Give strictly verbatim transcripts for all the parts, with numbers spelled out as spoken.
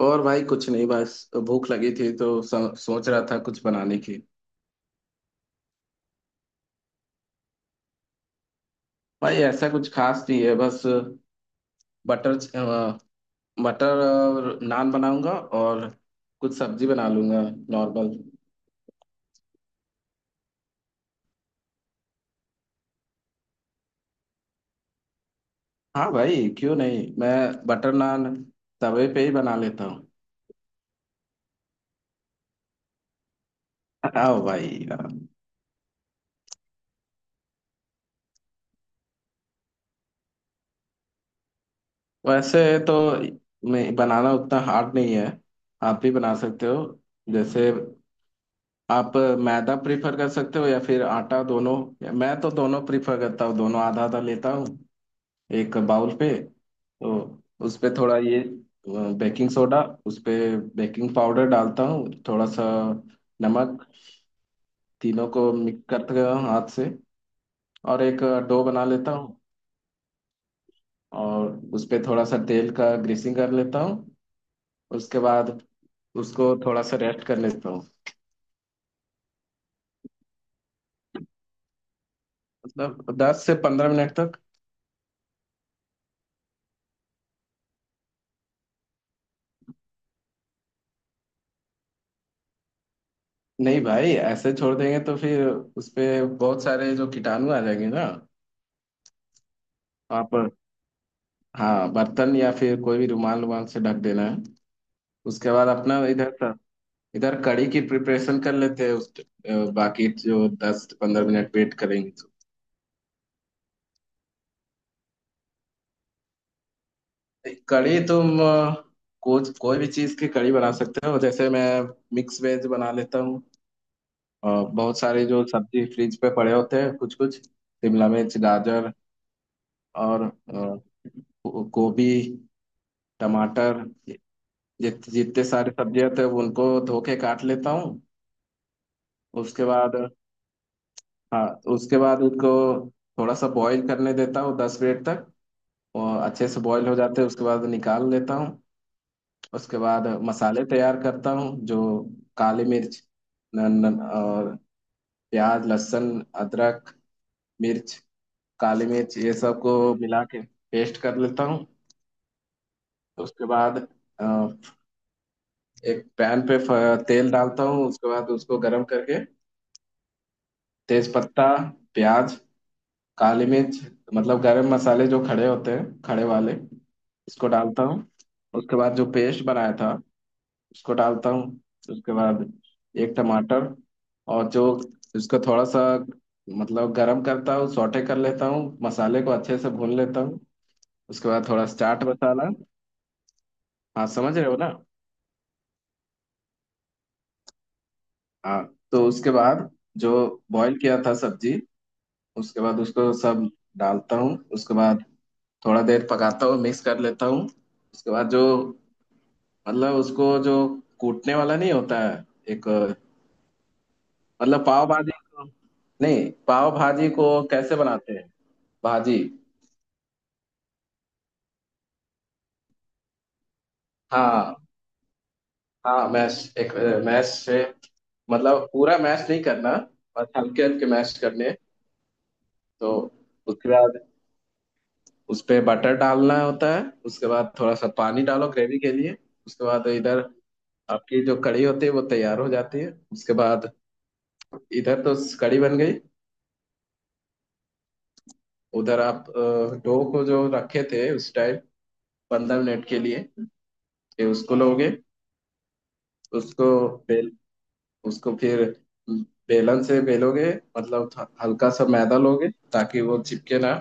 और भाई कुछ नहीं। बस भूख लगी थी तो सो, सोच रहा था कुछ बनाने की। भाई ऐसा कुछ खास नहीं है। बस बटर च- अ, मटर और नान बनाऊंगा और कुछ सब्जी बना लूंगा। नॉर्मल। हाँ भाई, क्यों नहीं। मैं बटर नान तवे पे ही बना लेता हूँ। आओ भाई आओ। वैसे तो मैं बनाना उतना हार्ड नहीं है, आप भी बना सकते हो। जैसे आप मैदा प्रीफर कर सकते हो या फिर आटा, दोनों। या मैं तो दोनों प्रीफर करता हूँ, दोनों आधा आधा लेता हूँ एक बाउल पे। तो उस पे थोड़ा ये बेकिंग सोडा, उस पे बेकिंग पाउडर डालता हूँ थोड़ा सा, नमक। तीनों को मिक्स करते हुए हाथ से और एक डो बना लेता हूँ, और उस पे थोड़ा सा तेल का ग्रीसिंग कर लेता हूँ। उसके बाद उसको थोड़ा सा रेस्ट कर लेता हूँ। मतलब दस से पंद्रह मिनट तक। नहीं भाई, ऐसे छोड़ देंगे तो फिर उसपे बहुत सारे जो कीटाणु आ जाएंगे ना। आप हाँ, बर्तन या फिर कोई भी रुमाल, रुमाल से ढक देना है। उसके बाद अपना इधर का, इधर कड़ी की प्रिपरेशन कर लेते हैं उस अ, बाकी जो दस पंद्रह मिनट वेट करेंगे तो। कड़ी तुम अ, कुछ कोई भी चीज की कड़ी बना सकते हो। जैसे मैं मिक्स वेज बना लेता हूँ, और बहुत सारे जो सब्जी फ्रिज पे पड़े होते हैं, कुछ कुछ शिमला मिर्च, गाजर और अ, गो- गोभी, टमाटर। जित, जितने सारे सब्जियां थे वो, उनको धो के काट लेता हूँ। उसके बाद हाँ, उसके बाद उनको थोड़ा सा बॉईल करने देता हूँ दस मिनट तक। और अच्छे से बॉईल हो जाते हैं उसके बाद निकाल लेता हूँ। उसके बाद मसाले तैयार करता हूँ, जो काली मिर्च, न, न, और प्याज, लहसुन, अदरक, मिर्च, काली मिर्च, ये सब को मिला के पेस्ट कर लेता हूँ। उसके बाद अ, एक पैन पे फ- तेल डालता हूँ। उसके बाद उसको गरम करके तेज पत्ता, प्याज, काली मिर्च, मतलब गरम मसाले जो खड़े होते हैं, खड़े वाले, इसको डालता हूँ। उसके बाद जो पेस्ट बनाया था उसको डालता हूँ। उसके बाद एक टमाटर और जो, इसको थोड़ा सा मतलब गरम करता हूँ, सौटे कर लेता हूँ, मसाले को अच्छे से भून लेता हूँ। उसके बाद थोड़ा चाट मसाला। हाँ, समझ रहे हो ना। हाँ, तो उसके बाद जो बॉईल किया था सब्जी, उसके बाद उसको सब डालता हूँ। उसके बाद थोड़ा देर पकाता हूँ, मिक्स कर लेता हूँ। उसके बाद जो, मतलब उसको जो कूटने वाला नहीं होता है एक, मतलब पाव भाजी को, नहीं पाव भाजी को कैसे बनाते हैं। भाजी। हाँ। हाँ मैश, एक मैश से। मतलब पूरा मैश नहीं करना, बस हल्के हल्के मैश करने। तो उसके बाद उस पे बटर डालना होता है। उसके बाद थोड़ा सा पानी डालो ग्रेवी के लिए। उसके बाद इधर आपकी जो कड़ी होती है वो तैयार हो जाती है। उसके बाद इधर तो कड़ी बन गई। उधर आप अ, डो को जो रखे थे उस टाइप, पंद्रह मिनट के लिए, ये उसको लोगे। उसको बेल, उसको फिर बेलन से बेलोगे। मतलब थ- हल्का सा मैदा लोगे ताकि वो चिपके ना।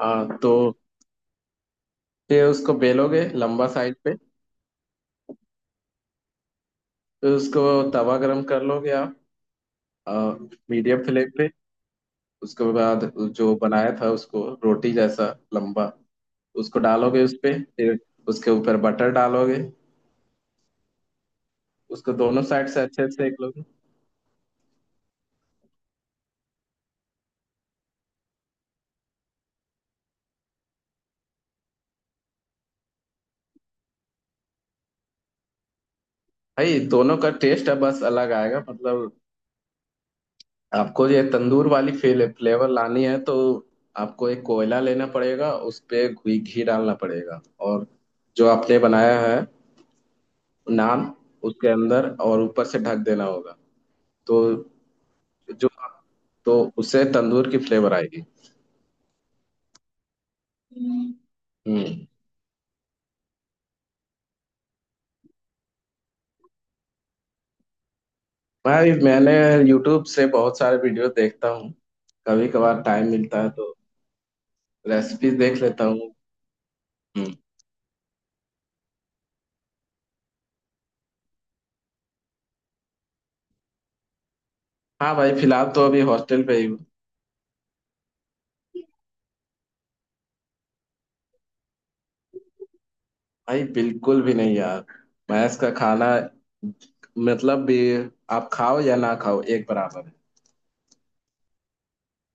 हाँ तो फिर उसको बेलोगे लंबा साइड पे। फिर उसको तवा गरम कर लोगे आप, मीडियम फ्लेम पे। उसके बाद जो बनाया था उसको रोटी जैसा, लंबा, उसको डालोगे उस पे। फिर उसके ऊपर बटर डालोगे, उसको दोनों साइड से अच्छे से सेक लोगे। भाई दोनों का टेस्ट अब बस अलग आएगा। मतलब आपको ये तंदूर वाली फील, फ्लेवर लानी है तो आपको एक कोयला लेना पड़ेगा, उस पे घी घी डालना पड़ेगा। और जो आपने बनाया है, नान, उसके अंदर और ऊपर से ढक देना होगा। तो जो, तो उससे तंदूर की फ्लेवर आएगी। हम्म। भाई मैंने यूट्यूब से बहुत सारे वीडियो देखता हूँ। कभी कभार टाइम मिलता है तो रेसिपीज देख लेता हूँ। हम्म। हाँ भाई, फिलहाल तो अभी हॉस्टल पे ही हूँ। भाई बिल्कुल भी नहीं यार। भैंस का खाना, मतलब भी, आप खाओ या ना खाओ एक बराबर है।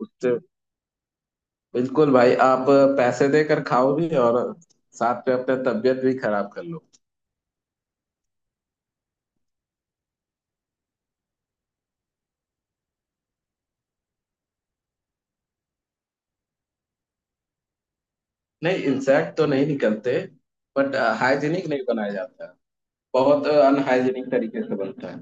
उससे बिल्कुल भाई, आप पैसे देकर खाओ भी और साथ में अपने तबीयत भी खराब कर लो। नहीं, इंसेक्ट तो नहीं निकलते। बट हाइजीनिक नहीं बनाया जाता है, बहुत अनहाइजीनिक तरीके से बनता है।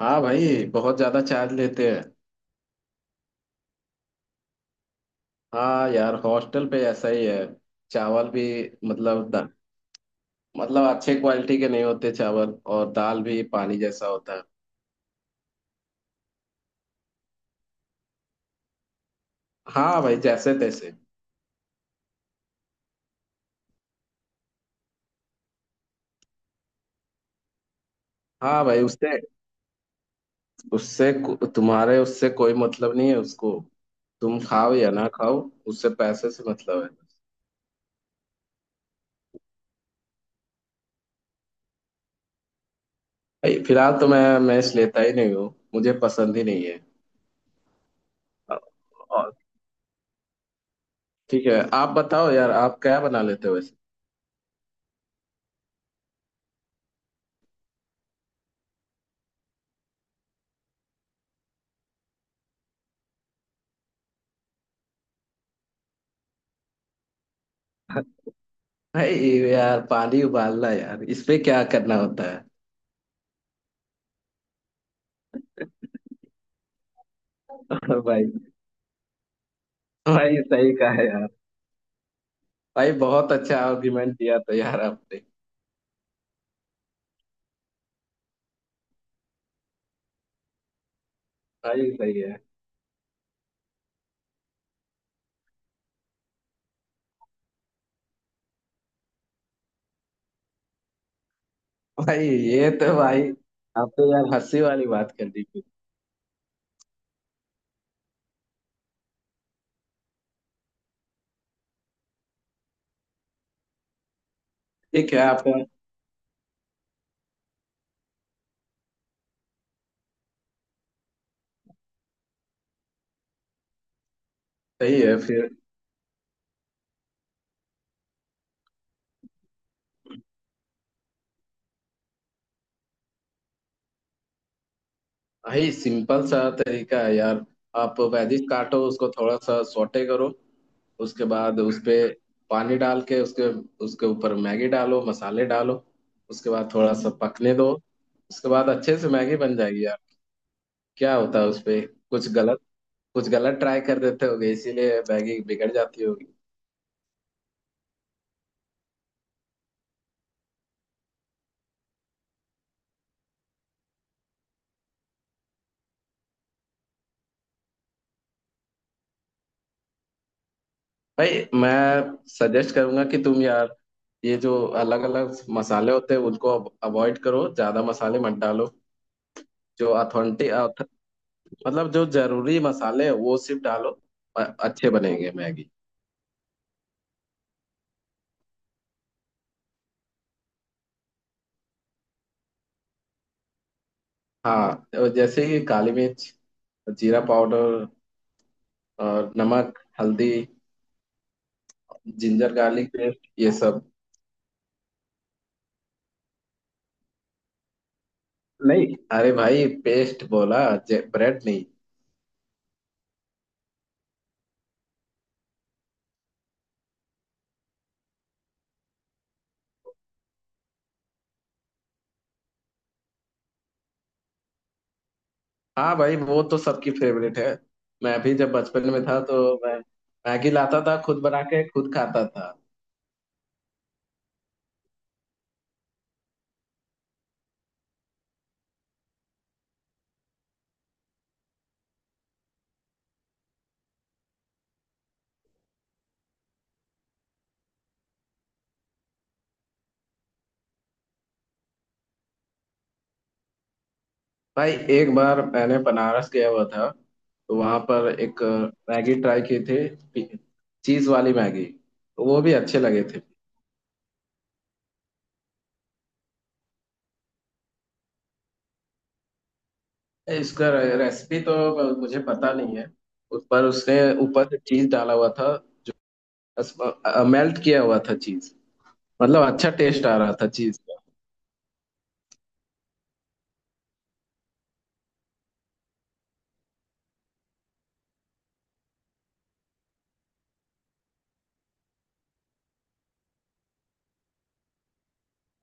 हाँ भाई बहुत ज्यादा चार्ज लेते हैं। हाँ यार, हॉस्टल पे ऐसा ही है। चावल भी, मतलब मतलब अच्छे क्वालिटी के नहीं होते चावल, और दाल भी पानी जैसा होता है। हाँ भाई जैसे तैसे। हाँ भाई उससे उससे को-, तुम्हारे उससे कोई मतलब नहीं है उसको। तुम खाओ या ना खाओ, उससे पैसे से मतलब है। भाई फिलहाल तो मैं मैस लेता ही नहीं हूँ। मुझे पसंद ही नहीं है। और ठीक है, आप बताओ यार, आप क्या बना लेते हो वैसे। भाई, यार पानी उबालना यार, इसपे क्या करना होता है। भाई। भाई सही कहा यार। भाई बहुत अच्छा आर्गुमेंट दिया था यार आपने। भाई सही है। भाई ये तो भाई, आपने यार हंसी वाली बात कर दी फिर। ठीक है आपका। सही है फिर। भाई सिंपल सा तरीका है यार। आप वेजिस काटो, उसको थोड़ा सा सौटे करो। उसके बाद उस पे पानी डाल के उसके, उसके ऊपर मैगी डालो, मसाले डालो। उसके बाद थोड़ा सा पकने दो। उसके बाद अच्छे से मैगी बन जाएगी यार। क्या होता है उस पे। कुछ गलत, कुछ गलत ट्राई कर देते होगे इसीलिए मैगी बिगड़ जाती होगी। भाई मैं सजेस्ट करूंगा कि तुम यार ये जो अलग अलग मसाले होते हैं उनको अवॉइड करो, ज्यादा मसाले मत डालो। जो ऑथेंटिक, मतलब जो जरूरी मसाले हैं वो सिर्फ डालो, अ- अच्छे बनेंगे मैगी। हाँ, और जैसे कि काली मिर्च, जीरा पाउडर और नमक, हल्दी, जिंजर गार्लिक पेस्ट, ये सब। नहीं, अरे भाई पेस्ट बोला, जे- ब्रेड नहीं। हाँ भाई, वो तो सबकी फेवरेट है। मैं भी जब बचपन में था तो मैं मैगी लाता था, खुद बना के खुद खाता था। भाई एक बार मैंने बनारस गया हुआ था। तो वहां पर एक मैगी ट्राई की थी, चीज वाली मैगी, तो वो भी अच्छे लगे थे। इसका रेसिपी तो मुझे पता नहीं है। उस पर उसने ऊपर से चीज डाला हुआ था, मेल्ट किया हुआ था चीज। मतलब अच्छा टेस्ट आ रहा था चीज का।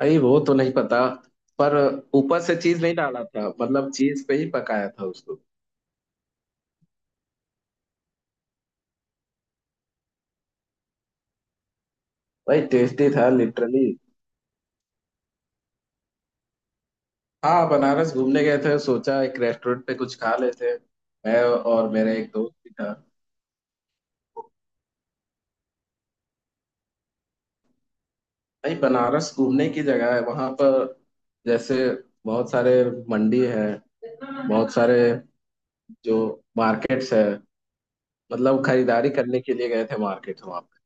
भाई वो तो नहीं पता, पर ऊपर से चीज नहीं डाला था, मतलब चीज पे ही पकाया था उसको। भाई टेस्टी था लिटरली। हाँ, बनारस घूमने गए थे, सोचा एक रेस्टोरेंट पे कुछ खा लेते हैं। मैं और मेरे एक दोस्त भी था। भाई बनारस घूमने की जगह है वहां पर। जैसे बहुत सारे मंडी है, बहुत सारे जो मार्केट्स है। मतलब खरीदारी करने के लिए गए थे मार्केट वहां पे।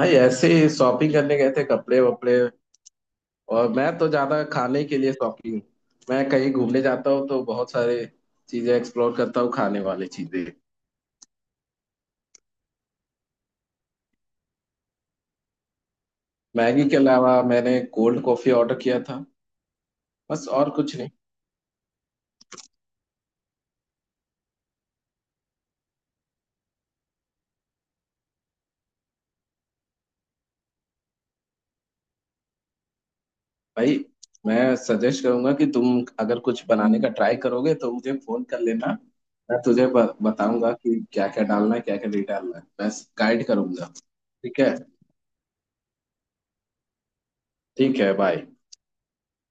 भाई ऐसे ही शॉपिंग करने गए थे, कपड़े वपड़े। और मैं तो ज्यादा खाने के लिए शॉपिंग। मैं कहीं घूमने जाता हूँ तो बहुत सारी चीजें एक्सप्लोर करता हूँ, खाने वाली चीजें। मैगी के अलावा मैंने कोल्ड कॉफी ऑर्डर किया था। बस और कुछ नहीं। भाई मैं सजेस्ट करूंगा कि तुम अगर कुछ बनाने का ट्राई करोगे तो मुझे फोन कर लेना। मैं तुझे ब, बताऊंगा कि क्या क्या डालना है, क्या क्या नहीं डालना है, बस गाइड करूंगा। ठीक है। ठीक है बाय।